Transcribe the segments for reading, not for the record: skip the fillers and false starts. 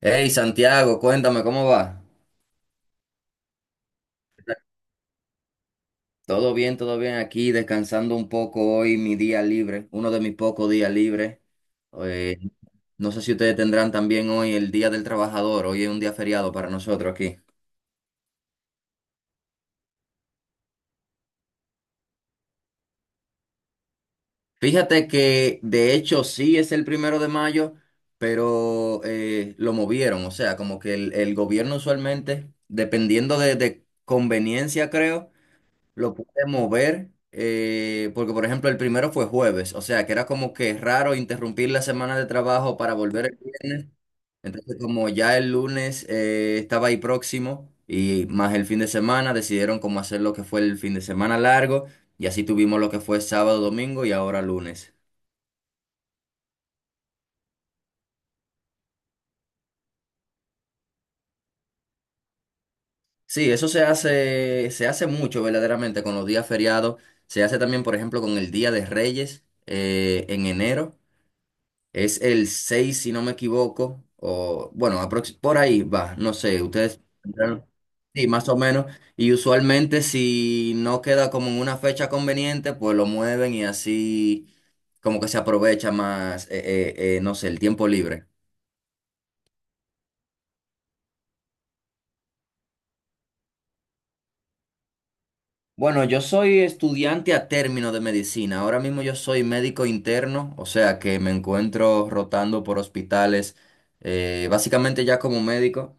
Hey Santiago, cuéntame cómo va. Todo bien aquí, descansando un poco hoy, mi día libre, uno de mis pocos días libres. Eh, no sé si ustedes tendrán también hoy el Día del Trabajador, hoy es un día feriado para nosotros aquí. Fíjate que de hecho sí es el primero de mayo, pero lo movieron, o sea, como que el gobierno usualmente, dependiendo de conveniencia, creo. Lo pude mover porque, por ejemplo, el primero fue jueves, o sea, que era como que raro interrumpir la semana de trabajo para volver el viernes. Entonces, como ya el lunes estaba ahí próximo y más el fin de semana, decidieron cómo hacer lo que fue el fin de semana largo y así tuvimos lo que fue sábado, domingo y ahora lunes. Sí, eso se hace mucho verdaderamente con los días feriados. Se hace también, por ejemplo, con el Día de Reyes en enero. Es el 6 si no me equivoco, o bueno, por ahí va, no sé, ustedes tendrán- sí, más o menos, y usualmente si no queda como en una fecha conveniente, pues lo mueven y así como que se aprovecha más, no sé, el tiempo libre. Bueno, yo soy estudiante a término de medicina, ahora mismo yo soy médico interno, o sea que me encuentro rotando por hospitales, básicamente ya como médico.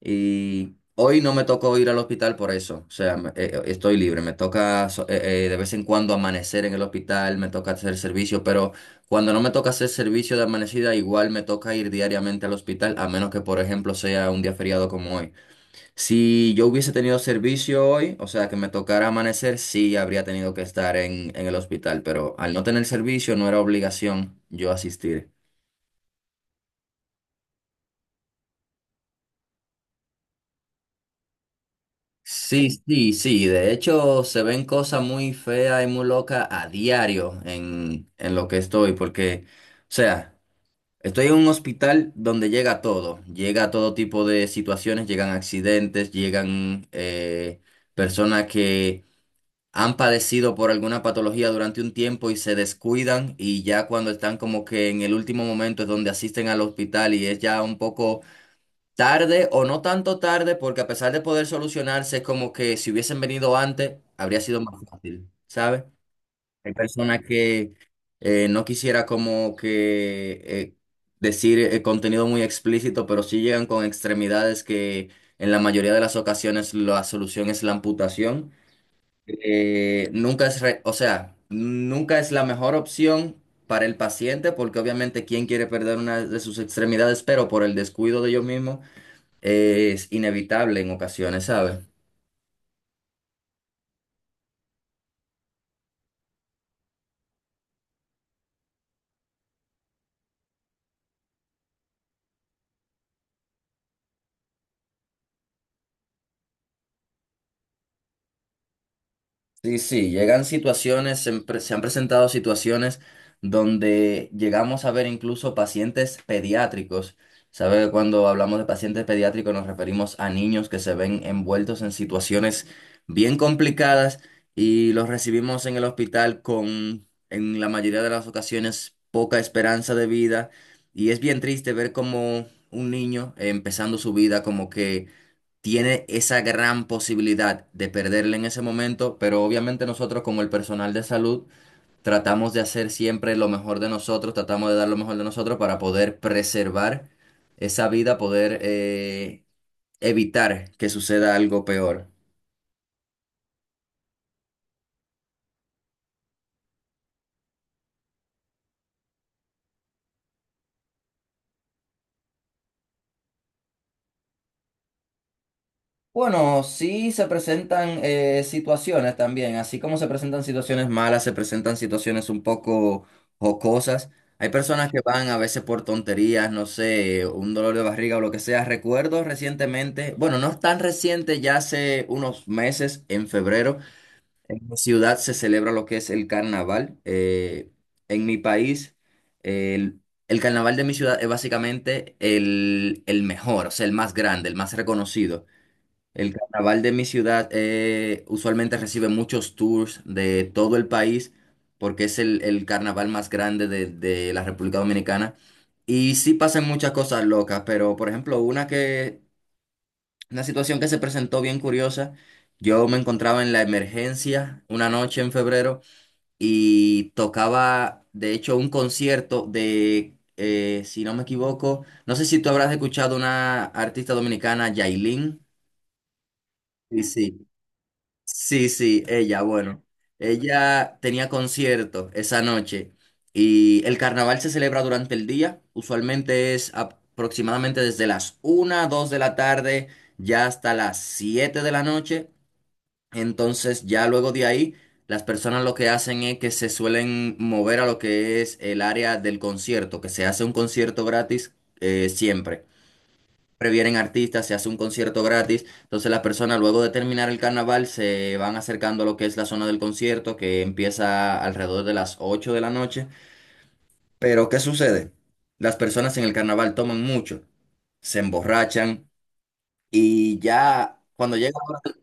Y hoy no me tocó ir al hospital por eso. O sea, estoy libre. Me toca de vez en cuando amanecer en el hospital, me toca hacer servicio, pero cuando no me toca hacer servicio de amanecida, igual me toca ir diariamente al hospital, a menos que, por ejemplo, sea un día feriado como hoy. Si yo hubiese tenido servicio hoy, o sea, que me tocara amanecer, sí habría tenido que estar en el hospital, pero al no tener servicio no era obligación yo asistir. Sí, sí, sí. De hecho, se ven cosas muy feas y muy locas a diario en lo que estoy, porque, o sea, estoy en un hospital donde llega todo. Llega todo tipo de situaciones, llegan accidentes, llegan personas que han padecido por alguna patología durante un tiempo y se descuidan y ya cuando están como que en el último momento es donde asisten al hospital y es ya un poco tarde o no tanto tarde, porque a pesar de poder solucionarse, es como que si hubiesen venido antes, habría sido más fácil, ¿sabes? Hay personas que no quisiera como que decir contenido muy explícito, pero sí llegan con extremidades que en la mayoría de las ocasiones la solución es la amputación. Nunca es, re- O sea, nunca es la mejor opción para el paciente, porque obviamente quién quiere perder una de sus extremidades, pero por el descuido de ellos mismos es inevitable en ocasiones, ¿sabes? Sí, sí, llegan situaciones, se han presentado situaciones donde llegamos a ver incluso pacientes pediátricos. ¿Sabe? Cuando hablamos de pacientes pediátricos nos referimos a niños que se ven envueltos en situaciones bien complicadas y los recibimos en el hospital con, en la mayoría de las ocasiones, poca esperanza de vida. Y es bien triste ver como un niño empezando su vida como que tiene esa gran posibilidad de perderle en ese momento, pero obviamente nosotros como el personal de salud tratamos de hacer siempre lo mejor de nosotros, tratamos de dar lo mejor de nosotros para poder preservar esa vida, poder evitar que suceda algo peor. Bueno, sí se presentan situaciones también, así como se presentan situaciones malas, se presentan situaciones un poco jocosas. Hay personas que van a veces por tonterías, no sé, un dolor de barriga o lo que sea. Recuerdo recientemente, bueno, no es tan reciente, ya hace unos meses, en febrero, en mi ciudad se celebra lo que es el carnaval. En mi país, el, el carnaval de mi ciudad es básicamente el mejor, o sea, el más grande, el más reconocido. El carnaval de mi ciudad usualmente recibe muchos tours de todo el país porque es el carnaval más grande de la República Dominicana. Y sí pasan muchas cosas locas, pero por ejemplo, una situación que se presentó bien curiosa, yo me encontraba en la emergencia una noche en febrero y tocaba, de hecho, un concierto de, si no me equivoco, no sé si tú habrás escuchado una artista dominicana, Yailin. Sí, sí. Sí, sí, ella, bueno, ella tenía concierto esa noche y el carnaval se celebra durante el día, usualmente es aproximadamente desde las una, 2 de la tarde ya hasta las 7 de la noche, entonces ya luego de ahí las personas lo que hacen es que se suelen mover a lo que es el área del concierto, que se hace un concierto gratis siempre previenen artistas, se hace un concierto gratis. Entonces las personas luego de terminar el carnaval se van acercando a lo que es la zona del concierto que empieza alrededor de las 8 de la noche. Pero ¿qué sucede? Las personas en el carnaval toman mucho, se emborrachan y ya cuando llega la hora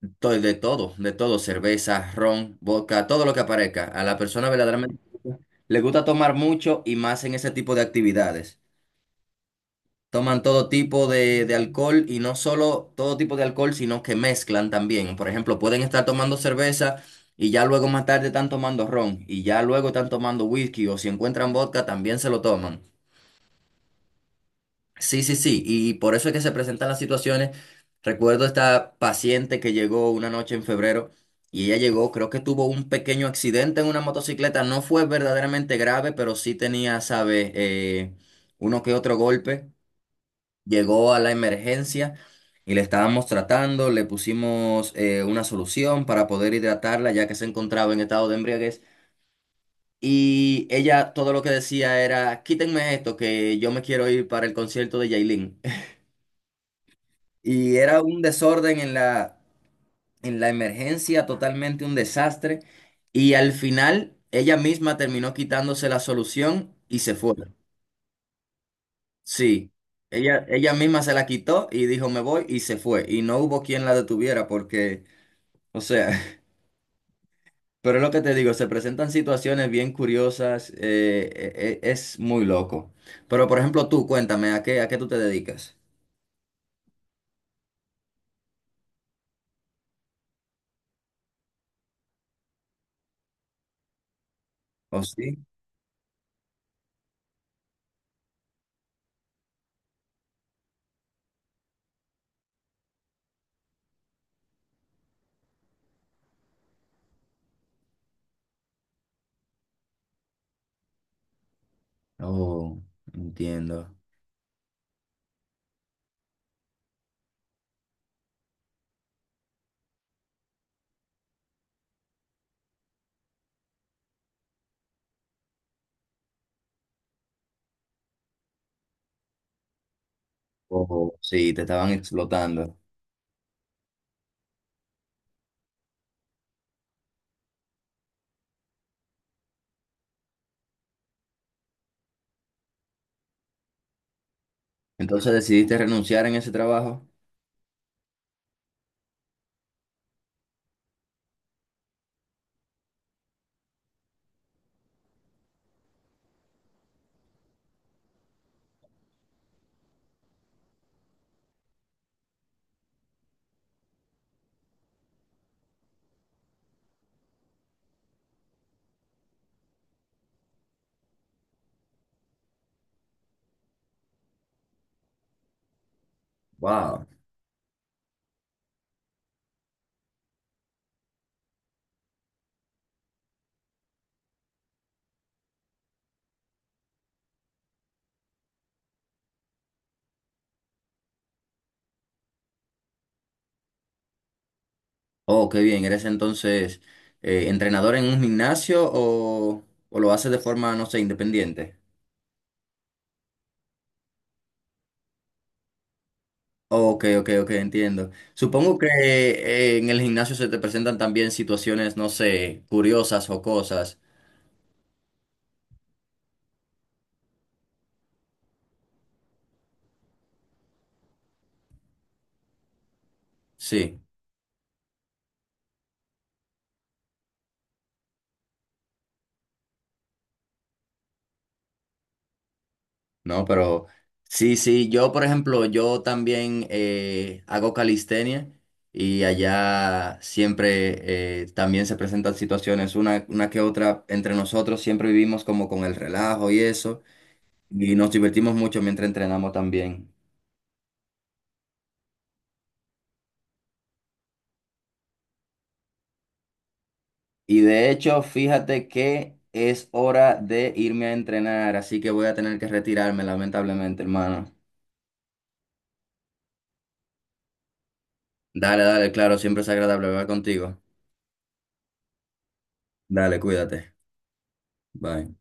de todo, cerveza, ron, vodka, todo lo que aparezca, a la persona verdaderamente le gusta tomar mucho y más en ese tipo de actividades. Toman todo tipo de alcohol y no solo todo tipo de alcohol, sino que mezclan también. Por ejemplo, pueden estar tomando cerveza y ya luego más tarde están tomando ron y ya luego están tomando whisky o si encuentran vodka también se lo toman. Sí, sí, sí. Y por eso es que se presentan las situaciones. Recuerdo esta paciente que llegó una noche en febrero y ella llegó, creo que tuvo un pequeño accidente en una motocicleta. No fue verdaderamente grave, pero sí tenía, sabe, uno que otro golpe llegó a la emergencia y le estábamos tratando, le pusimos una solución para poder hidratarla ya que se encontraba en estado de embriaguez. Y ella todo lo que decía era, quítenme esto, que yo me quiero ir para el concierto de Yailin. Y era un desorden en la, emergencia, totalmente un desastre. Y al final ella misma terminó quitándose la solución y se fue. Sí, ella misma se la quitó y dijo me voy y se fue. Y no hubo quien la detuviera porque, o sea, pero es lo que te digo, se presentan situaciones bien curiosas, es muy loco. Pero por ejemplo tú, cuéntame, a qué tú te dedicas? ¿O sí? Oh, entiendo. Oh, sí, te estaban explotando. Entonces decidiste renunciar en ese trabajo. Wow. Oh, qué bien. ¿Eres entonces entrenador en un gimnasio o lo haces de forma, no sé, independiente? Ok, ok, ok, entiendo. Supongo que en el gimnasio se te presentan también situaciones, no sé, curiosas o cosas. Sí, no, pero sí, sí, yo por ejemplo, yo también hago calistenia y allá siempre también se presentan situaciones, una que otra entre nosotros, siempre vivimos como con el relajo y eso, y nos divertimos mucho mientras entrenamos también. Y de hecho, fíjate que es hora de irme a entrenar, así que voy a tener que retirarme, lamentablemente, hermano. Dale, dale, claro, siempre es agradable hablar contigo. Dale, cuídate. Bye.